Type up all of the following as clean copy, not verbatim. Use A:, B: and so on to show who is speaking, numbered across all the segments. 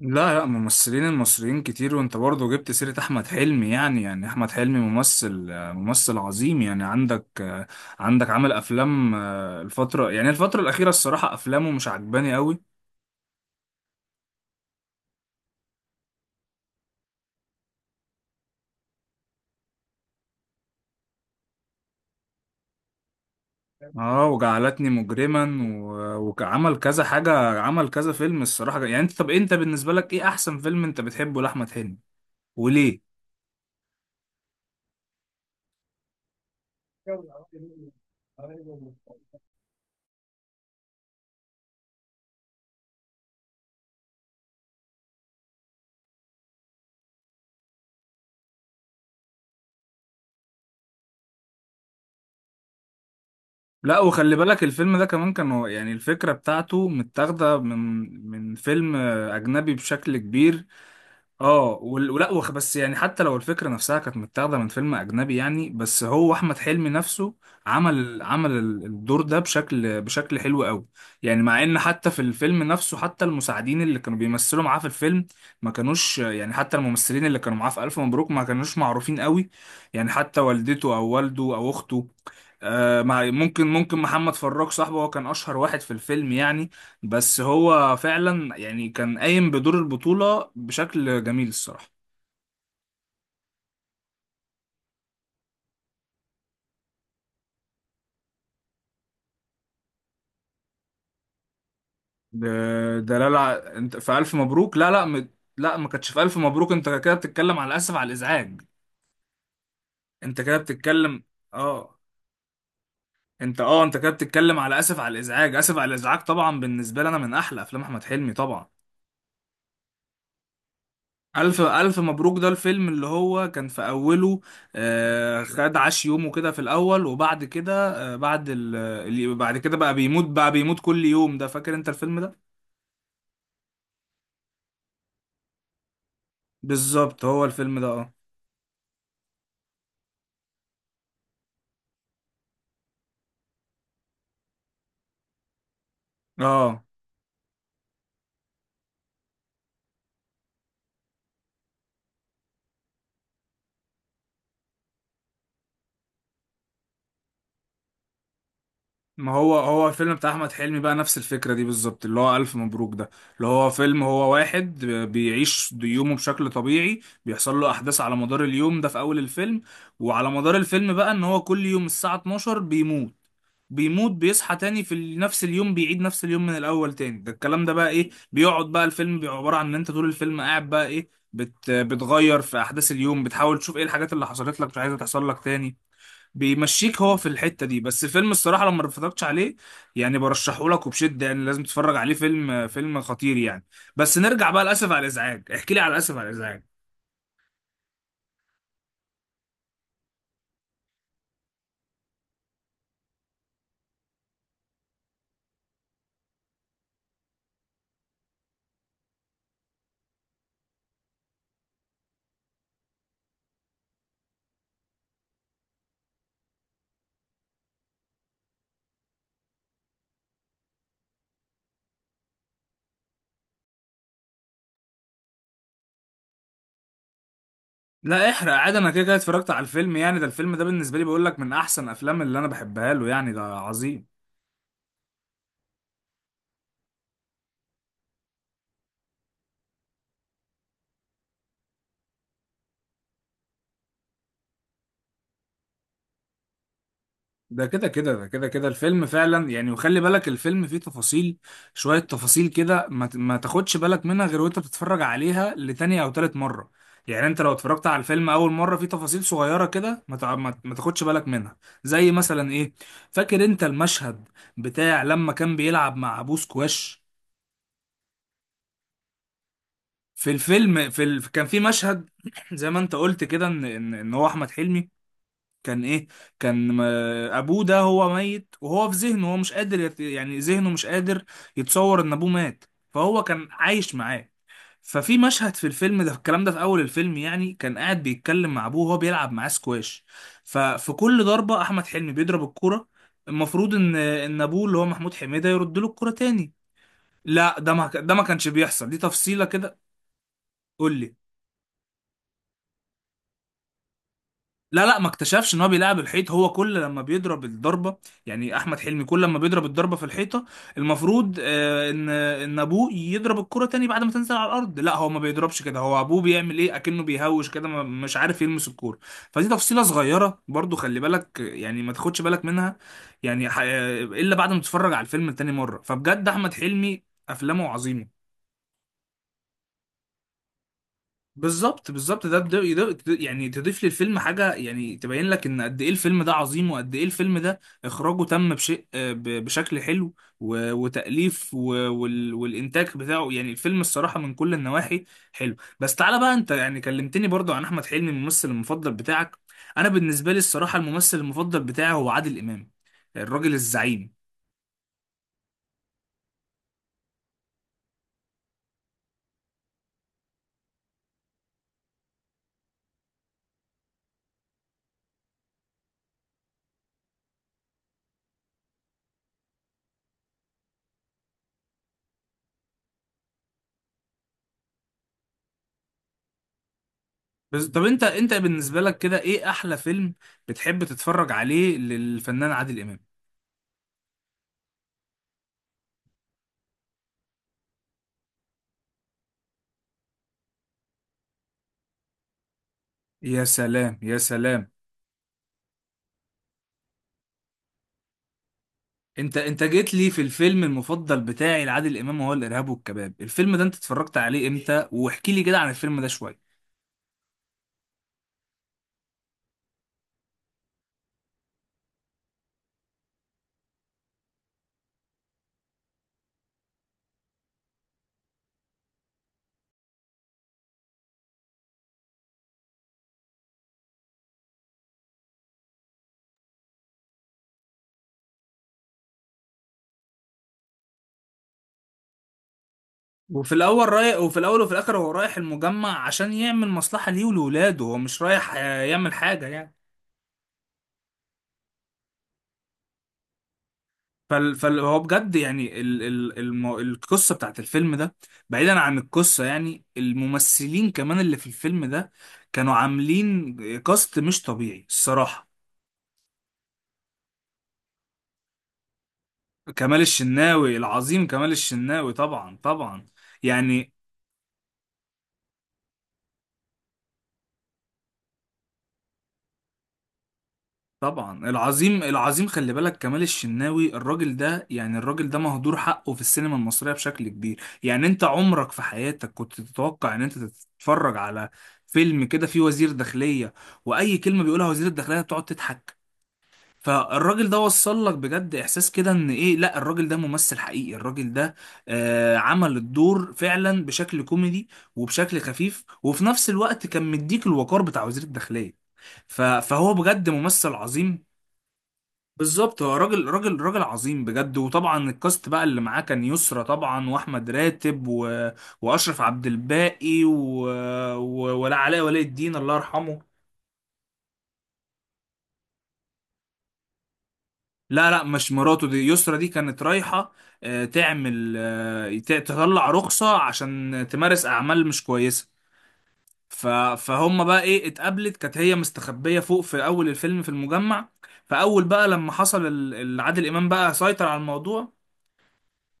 A: لا لا، ممثلين المصريين كتير وانت برضه جبت سيرة احمد حلمي. يعني احمد حلمي ممثل، ممثل عظيم. يعني عندك، عندك عمل افلام، الفترة، يعني الفترة الاخيرة الصراحة افلامه مش عجباني قوي. اه وجعلتني مجرما وعمل كذا حاجة، عمل كذا فيلم. الصراحة يعني انت، طب انت بالنسبة لك ايه احسن فيلم انت بتحبه لاحمد حلمي وليه؟ لا، وخلي بالك الفيلم ده كمان كانوا يعني الفكرة بتاعته متاخدة من فيلم، أجنبي بشكل كبير. اه بس يعني حتى لو الفكره نفسها كانت متاخده من فيلم اجنبي يعني، بس هو احمد حلمي نفسه عمل الدور ده بشكل حلو قوي. يعني مع ان حتى في الفيلم نفسه، حتى المساعدين اللي كانوا بيمثلوا معاه في الفيلم ما كانوش، يعني حتى الممثلين اللي كانوا معاه في الف مبروك ما كانوش معروفين قوي. يعني حتى والدته او والده او اخته، آه مع ممكن محمد فراج صاحبه هو كان اشهر واحد في الفيلم يعني. بس هو فعلا يعني كان قايم بدور البطولة بشكل جميل الصراحة. ده ده لا لا، انت في ألف مبروك. لا، ما كانتش في ألف مبروك. انت كده بتتكلم على آسف على الإزعاج. انت كده بتتكلم، اه، انت اه انت كده بتتكلم على آسف على الإزعاج. آسف على الإزعاج طبعا بالنسبة لي انا من احلى افلام احمد حلمي طبعا. ألف مبروك ده الفيلم اللي هو كان في أوله، آه، خد عاش يومه كده في الأول، وبعد كده آه بعد بعد كده بقى بيموت، بقى بيموت كل يوم. ده فاكر أنت الفيلم ده؟ بالظبط، هو الفيلم ده اه. اه، ما هو الفيلم بتاع احمد حلمي بقى نفس الفكره دي بالظبط، اللي هو الف مبروك ده. اللي هو فيلم، هو واحد بيعيش يومه بشكل طبيعي، بيحصل له احداث على مدار اليوم ده في اول الفيلم، وعلى مدار الفيلم بقى ان هو كل يوم الساعه 12 بيموت، بيصحى تاني في نفس اليوم، بيعيد نفس اليوم من الاول تاني. ده الكلام ده بقى ايه، بيقعد بقى الفيلم بيبقى عباره عن ان انت طول الفيلم قاعد بقى ايه، بتغير في احداث اليوم، بتحاول تشوف ايه الحاجات اللي حصلت لك مش عايزه تحصل لك تاني. بيمشيك هو في الحتة دي. بس فيلم الصراحة لو ما اتفرجتش عليه يعني برشحه لك وبشدة، يعني لازم تتفرج عليه. فيلم خطير يعني. بس نرجع بقى للأسف على الإزعاج، احكي لي على الأسف على الإزعاج. لا احرق عادي، انا كده كده اتفرجت على الفيلم يعني. ده الفيلم ده بالنسبة لي بقول لك من احسن افلام اللي انا بحبها له، يعني ده عظيم. ده كده كده الفيلم فعلا يعني. وخلي بالك الفيلم فيه تفاصيل، شوية تفاصيل كده ما تاخدش بالك منها غير وانت بتتفرج عليها لتانية او تالت مرة. يعني انت لو اتفرجت على الفيلم اول مرة فيه تفاصيل صغيرة كده ما تع- ما ت- ما تاخدش بالك منها. زي مثلا ايه؟ فاكر انت المشهد بتاع لما كان بيلعب مع ابوه سكواش؟ في الفيلم، كان في مشهد زي ما انت قلت كده، ان ان إن هو احمد حلمي كان ايه، كان م- ابوه ده هو ميت، وهو في ذهنه هو مش قادر يعني ذهنه مش قادر يتصور ان ابوه مات، فهو كان عايش معاه. ففي مشهد في الفيلم ده، الكلام ده في اول الفيلم يعني، كان قاعد بيتكلم مع ابوه وهو بيلعب معاه سكواش. ففي كل ضربة احمد حلمي بيضرب الكرة، المفروض ان ابوه اللي هو محمود حميدة يرد له الكرة تاني. لا، ده ما كانش بيحصل. دي تفصيلة كده. قول لي. لا لا، ما اكتشفش ان هو بيلعب الحيط. هو كل لما بيضرب الضربه، يعني احمد حلمي كل لما بيضرب الضربه في الحيطه، المفروض، ان ابوه يضرب الكره تاني بعد ما تنزل على الارض. لا، هو ما بيضربش كده. هو ابوه بيعمل ايه، اكنه بيهوش كده مش عارف يلمس الكوره. فدي تفصيله صغيره برضو، خلي بالك يعني ما تاخدش بالك منها، يعني الا بعد ما تتفرج على الفيلم تاني مره. فبجد احمد حلمي افلامه عظيمه. بالظبط، يعني تضيف للفيلم حاجه، يعني تبين لك ان قد ايه الفيلم ده عظيم، وقد ايه الفيلم ده اخراجه تم بشيء، بشكل حلو، وتاليف، والانتاج بتاعه. يعني الفيلم الصراحه من كل النواحي حلو. بس تعالى بقى انت يعني كلمتني برضو عن احمد حلمي الممثل المفضل بتاعك. انا بالنسبه لي الصراحه الممثل المفضل بتاعي هو عادل امام، الراجل الزعيم. بس طب انت بالنسبه لك كده ايه احلى فيلم بتحب تتفرج عليه للفنان عادل امام؟ يا سلام يا سلام. انت جيت لي في الفيلم المفضل بتاعي لعادل امام، وهو الارهاب والكباب. الفيلم ده انت اتفرجت عليه امتى؟ واحكي لي كده عن الفيلم ده شويه. وفي الاول رايح وفي الاول وفي الاخر هو رايح المجمع عشان يعمل مصلحه ليه ولاولاده، هو مش رايح، يعمل حاجه يعني. هو بجد يعني القصه بتاعت الفيلم ده، بعيدا عن القصه يعني الممثلين كمان اللي في الفيلم ده كانوا عاملين كاست مش طبيعي الصراحه. كمال الشناوي العظيم، كمال الشناوي طبعا طبعا يعني. طبعا العظيم العظيم، خلي بالك كمال الشناوي الراجل ده، يعني الراجل ده مهدور حقه في السينما المصرية بشكل كبير. يعني انت عمرك في حياتك كنت تتوقع ان انت تتفرج على فيلم كده فيه وزير داخلية، واي كلمة بيقولها وزير الداخلية بتقعد تضحك؟ فالراجل ده وصل لك بجد احساس كده ان ايه، لا الراجل ده ممثل حقيقي، الراجل ده آه عمل الدور فعلا بشكل كوميدي وبشكل خفيف، وفي نفس الوقت كان مديك الوقار بتاع وزير الداخلية. فهو بجد ممثل عظيم. بالظبط، هو راجل راجل عظيم بجد. وطبعا الكاست بقى اللي معاه كان يسرا طبعا، واحمد راتب، و... واشرف عبد الباقي، و... و... ولا علاء ولي الدين الله يرحمه. لا لا، مش مراته، دي يسرا دي كانت رايحة، تعمل، تطلع رخصة عشان تمارس أعمال مش كويسة. ف- فهم بقى إيه، اتقابلت، كانت هي مستخبية فوق في أول الفيلم في المجمع. فأول بقى لما حصل عادل إمام بقى سيطر على الموضوع،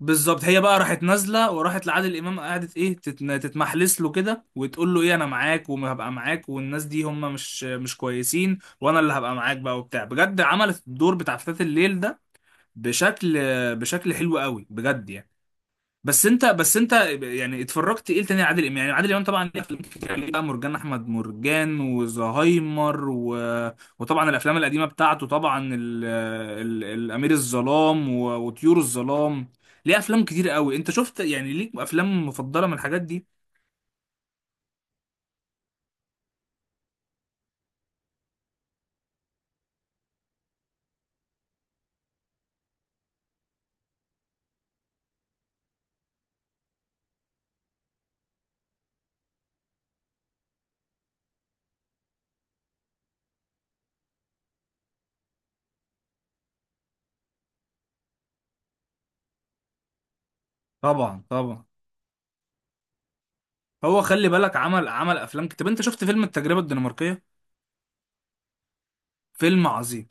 A: بالظبط. هي بقى راحت نازلة وراحت لعادل إمام، قعدت إيه تتمحلس له كده وتقول له إيه أنا معاك وهبقى معاك، والناس دي هم مش كويسين، وأنا اللي هبقى معاك بقى وبتاع. بجد عملت الدور بتاع فتاة الليل ده بشكل بشكل حلو قوي بجد يعني. بس انت يعني اتفرجت ايه تاني عادل امام؟ يعني عادل امام طبعا ليه افلام كتير عليه بقى، مرجان احمد مرجان، وزهايمر، و... وطبعا الافلام القديمه بتاعته طبعا، الامير الظلام، و... وطيور الظلام. ليه افلام كتير قوي. انت شفت يعني، ليك افلام مفضله من الحاجات دي؟ طبعا طبعا. هو خلي بالك عمل، افلام كتير. طب انت شفت فيلم التجربه الدنماركيه؟ فيلم عظيم.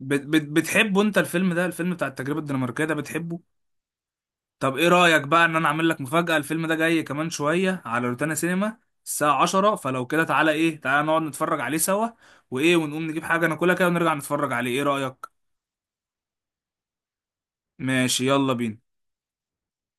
A: بتحبه انت الفيلم ده، الفيلم بتاع التجربه الدنماركيه ده بتحبه؟ طب ايه رأيك بقى ان انا اعمل لك مفاجأة؟ الفيلم ده جاي كمان شوية على روتانا سينما الساعة 10. فلو كده تعالى ايه، تعالى نقعد نتفرج عليه سوا، ونقوم نجيب حاجة ناكلها كده ونرجع نتفرج عليه. ايه رأيك؟ ماشي، يلا بينا.